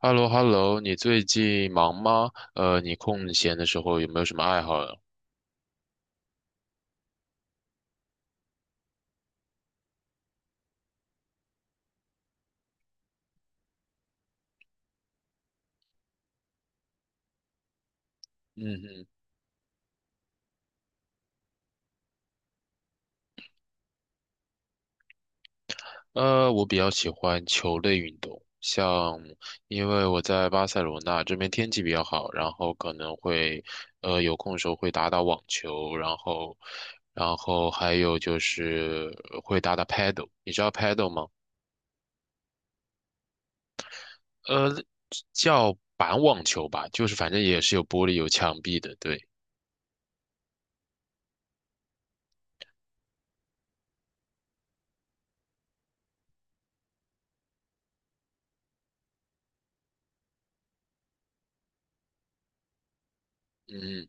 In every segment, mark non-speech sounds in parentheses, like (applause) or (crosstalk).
h e l l o h e l l o 你最近忙吗？你空闲的时候有没有什么爱好呀？嗯哼。我比较喜欢球类运动，像因为我在巴塞罗那这边天气比较好，然后可能会，有空的时候会打打网球，然后，然后还有就是会打打 paddle，你知道 paddle 吗？呃，叫板网球吧，就是反正也是有玻璃有墙壁的，对。嗯。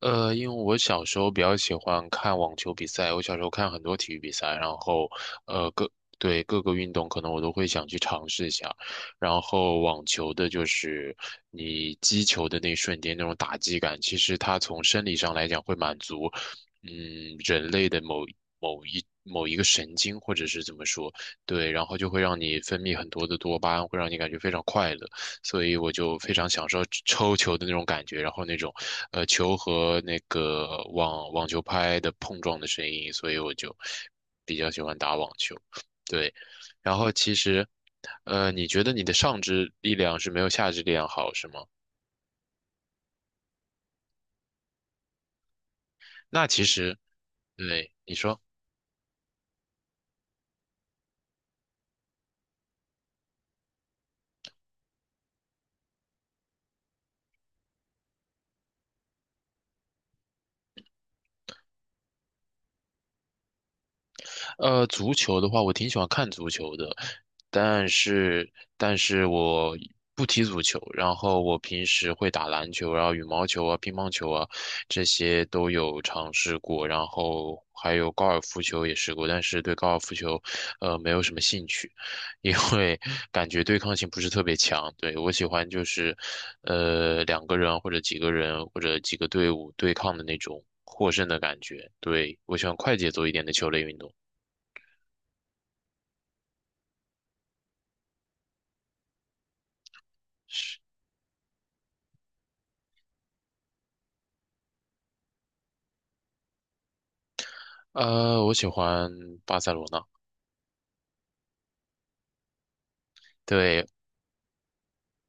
因为我小时候比较喜欢看网球比赛，我小时候看很多体育比赛，然后呃各对各个运动可能我都会想去尝试一下。然后网球的就是你击球的那一瞬间那种打击感，其实它从生理上来讲会满足，嗯，人类的某一个神经，或者是怎么说，对，然后就会让你分泌很多的多巴胺，会让你感觉非常快乐，所以我就非常享受抽球的那种感觉，然后那种，球和那个网球拍的碰撞的声音，所以我就比较喜欢打网球，对。然后其实，你觉得你的上肢力量是没有下肢力量好，是吗？那其实，对，你说。足球的话，我挺喜欢看足球的，但是我不踢足球，然后我平时会打篮球然后羽毛球啊、乒乓球啊，这些都有尝试过，然后还有高尔夫球也试过，但是对高尔夫球，没有什么兴趣，因为 (laughs) 感觉对抗性不是特别强。对，我喜欢就是，两个人或者几个人或者几个队伍对抗的那种获胜的感觉。对，我喜欢快节奏一点的球类运动。是，我喜欢巴塞罗那。对，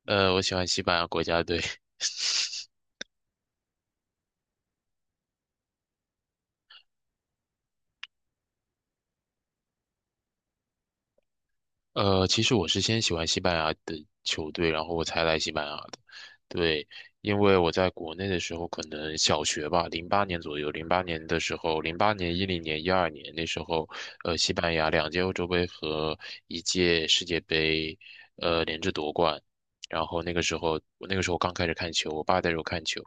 我喜欢西班牙国家队。其实我是先喜欢西班牙的球队，然后我才来西班牙的。对，因为我在国内的时候，可能小学吧，零八年左右，零八年的时候，08年、10年、12年那时候，西班牙两届欧洲杯和一届世界杯，连着夺冠。然后那个时候，我那个时候刚开始看球，我爸带着我看球，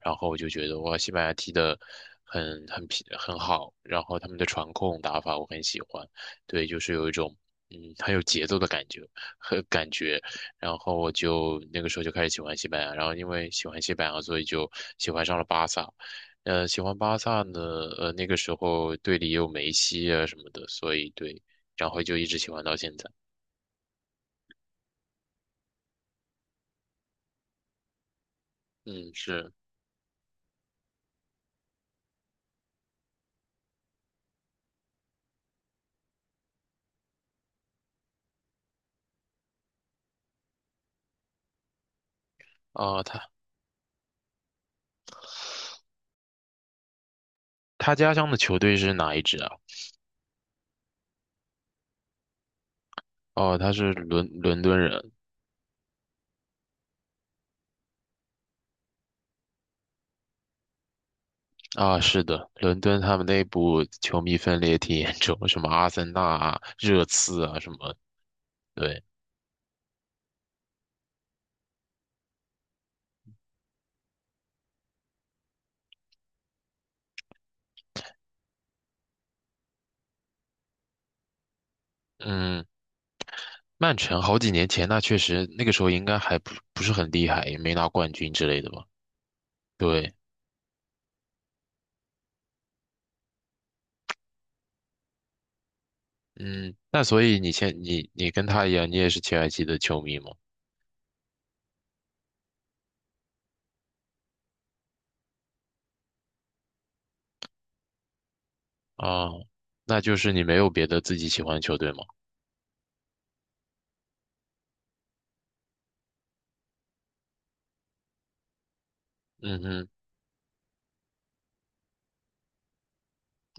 然后我就觉得哇，西班牙踢的很皮很好，然后他们的传控打法我很喜欢。对，就是有一种嗯很有节奏的感觉和感觉，然后我就那个时候就开始喜欢西班牙，然后因为喜欢西班牙，所以就喜欢上了巴萨。喜欢巴萨呢，那个时候队里也有梅西啊什么的，所以对，然后就一直喜欢到现在。嗯，是啊，他家乡的球队是哪一支啊？哦，他是伦敦人啊，是的，伦敦他们内部球迷分裂挺严重，什么阿森纳啊、热刺啊什么，对。嗯，曼城好几年前，那确实那个时候应该还不是很厉害，也没拿冠军之类的吧？对。嗯，那所以你你跟他一样，你也是切尔西的球迷吗？啊，那就是你没有别的自己喜欢的球队吗？嗯哼。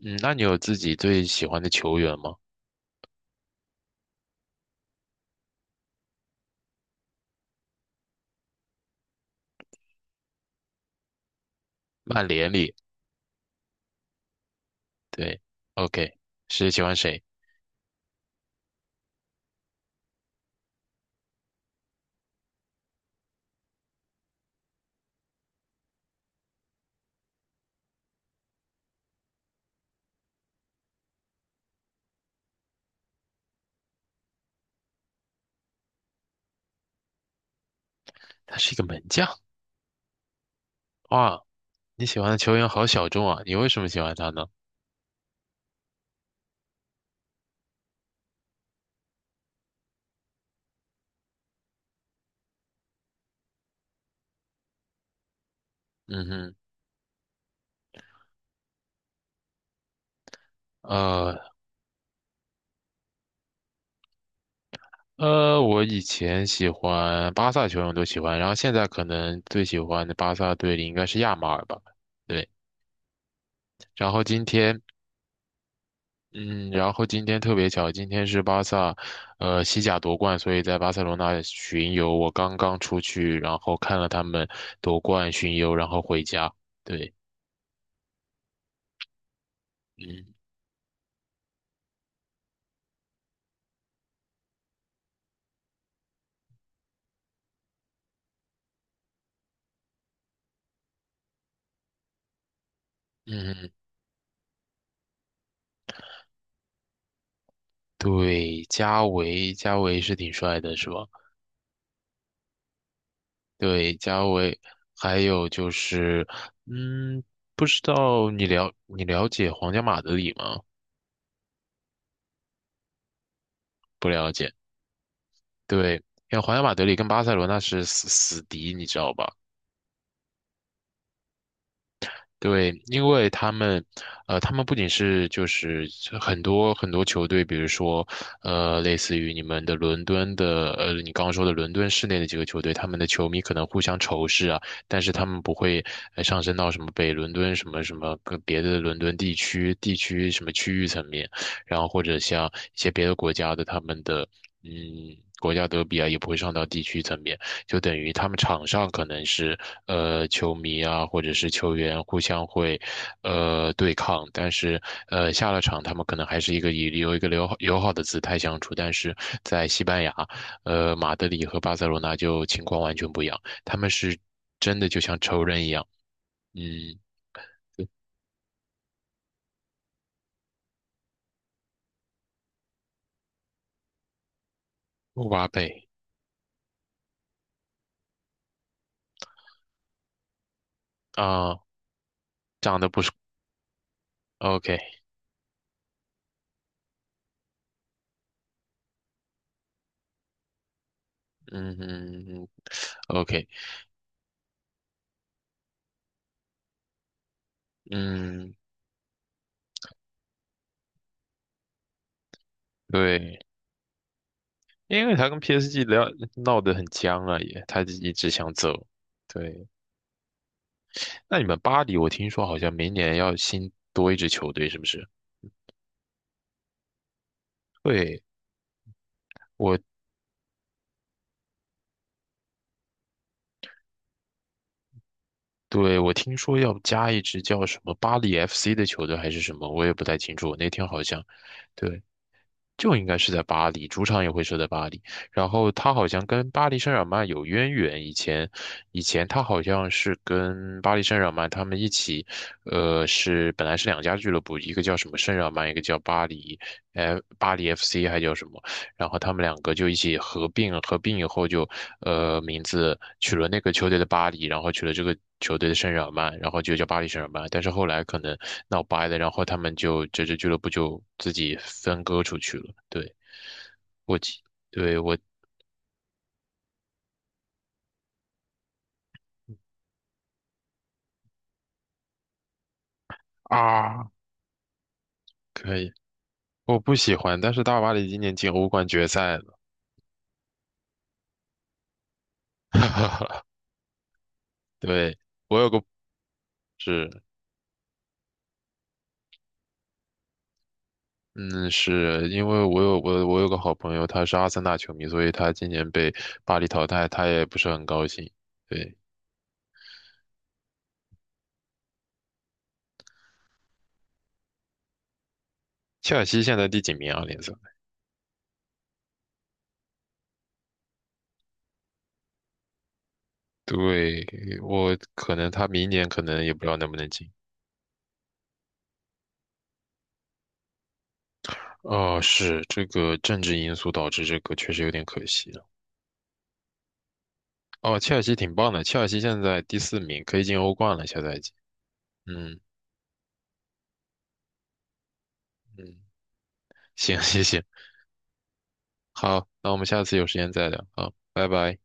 嗯，那你有自己最喜欢的球员吗？曼联里。对，OK。是喜欢谁？他是一个门将啊，你喜欢的球员好小众啊，你为什么喜欢他呢？嗯哼。呃，我以前喜欢巴萨球员我都喜欢，然后现在可能最喜欢的巴萨队里应该是亚马尔吧。对，然后今天，嗯，然后今天特别巧，今天是巴萨，西甲夺冠，所以在巴塞罗那巡游，我刚刚出去，然后看了他们夺冠巡游，然后回家。对。嗯嗯。对，加维，加维是挺帅的，是吧？对，加维，还有就是，嗯，不知道你了解皇家马德里吗？不了解。对，因为皇家马德里跟巴塞罗那是死敌，你知道吧？对，因为他们，他们不仅是就是很多很多球队，比如说，类似于你们的伦敦的，你刚刚说的伦敦市内的几个球队，他们的球迷可能互相仇视啊，但是他们不会上升到什么北伦敦什么什么跟别的伦敦地区什么区域层面，然后或者像一些别的国家的他们的，嗯，国家德比啊，也不会上到地区层面。就等于他们场上可能是球迷啊，或者是球员互相会对抗，但是下了场他们可能还是一个以有一个友好的姿态相处，但是在西班牙，马德里和巴塞罗那就情况完全不一样，他们是真的就像仇人一样。嗯。哇贝啊，长得不是 OK。嗯嗯嗯。OK。嗯，对。因为他跟 PSG 聊闹得很僵啊，也他一直想走。对，那你们巴黎，我听说好像明年要新多一支球队，是不是？对，我对我听说要加一支叫什么巴黎 FC 的球队还是什么，我也不太清楚。我那天好像，对，就应该是在巴黎，主场也会设在巴黎。然后他好像跟巴黎圣日耳曼有渊源，以前他好像是跟巴黎圣日耳曼他们一起，是本来是两家俱乐部，一个叫什么圣日耳曼，一个叫巴黎，巴黎 FC 还叫什么，然后他们两个就一起合并，合并以后就，名字取了那个球队的巴黎，然后取了这个球队的圣日耳曼，然后就叫巴黎圣日耳曼。但是后来可能闹掰了，然后他们就这支俱乐部就自己分割出去了。对，我记对，我啊，可以，我不喜欢，但是大巴黎今年进欧冠决赛了。(laughs) 对，我有个是。嗯，是因为我有个好朋友，他是阿森纳球迷，所以他今年被巴黎淘汰，他也不是很高兴。对，切尔西现在第几名啊？联赛？对，我可能他明年可能也不知道能不能进。哦，是这个政治因素导致这个，确实有点可惜了。哦，切尔西挺棒的，切尔西现在第四名，可以进欧冠了，下赛季。嗯嗯，行，(laughs) 谢谢。好，那我们下次有时间再聊。啊，拜拜。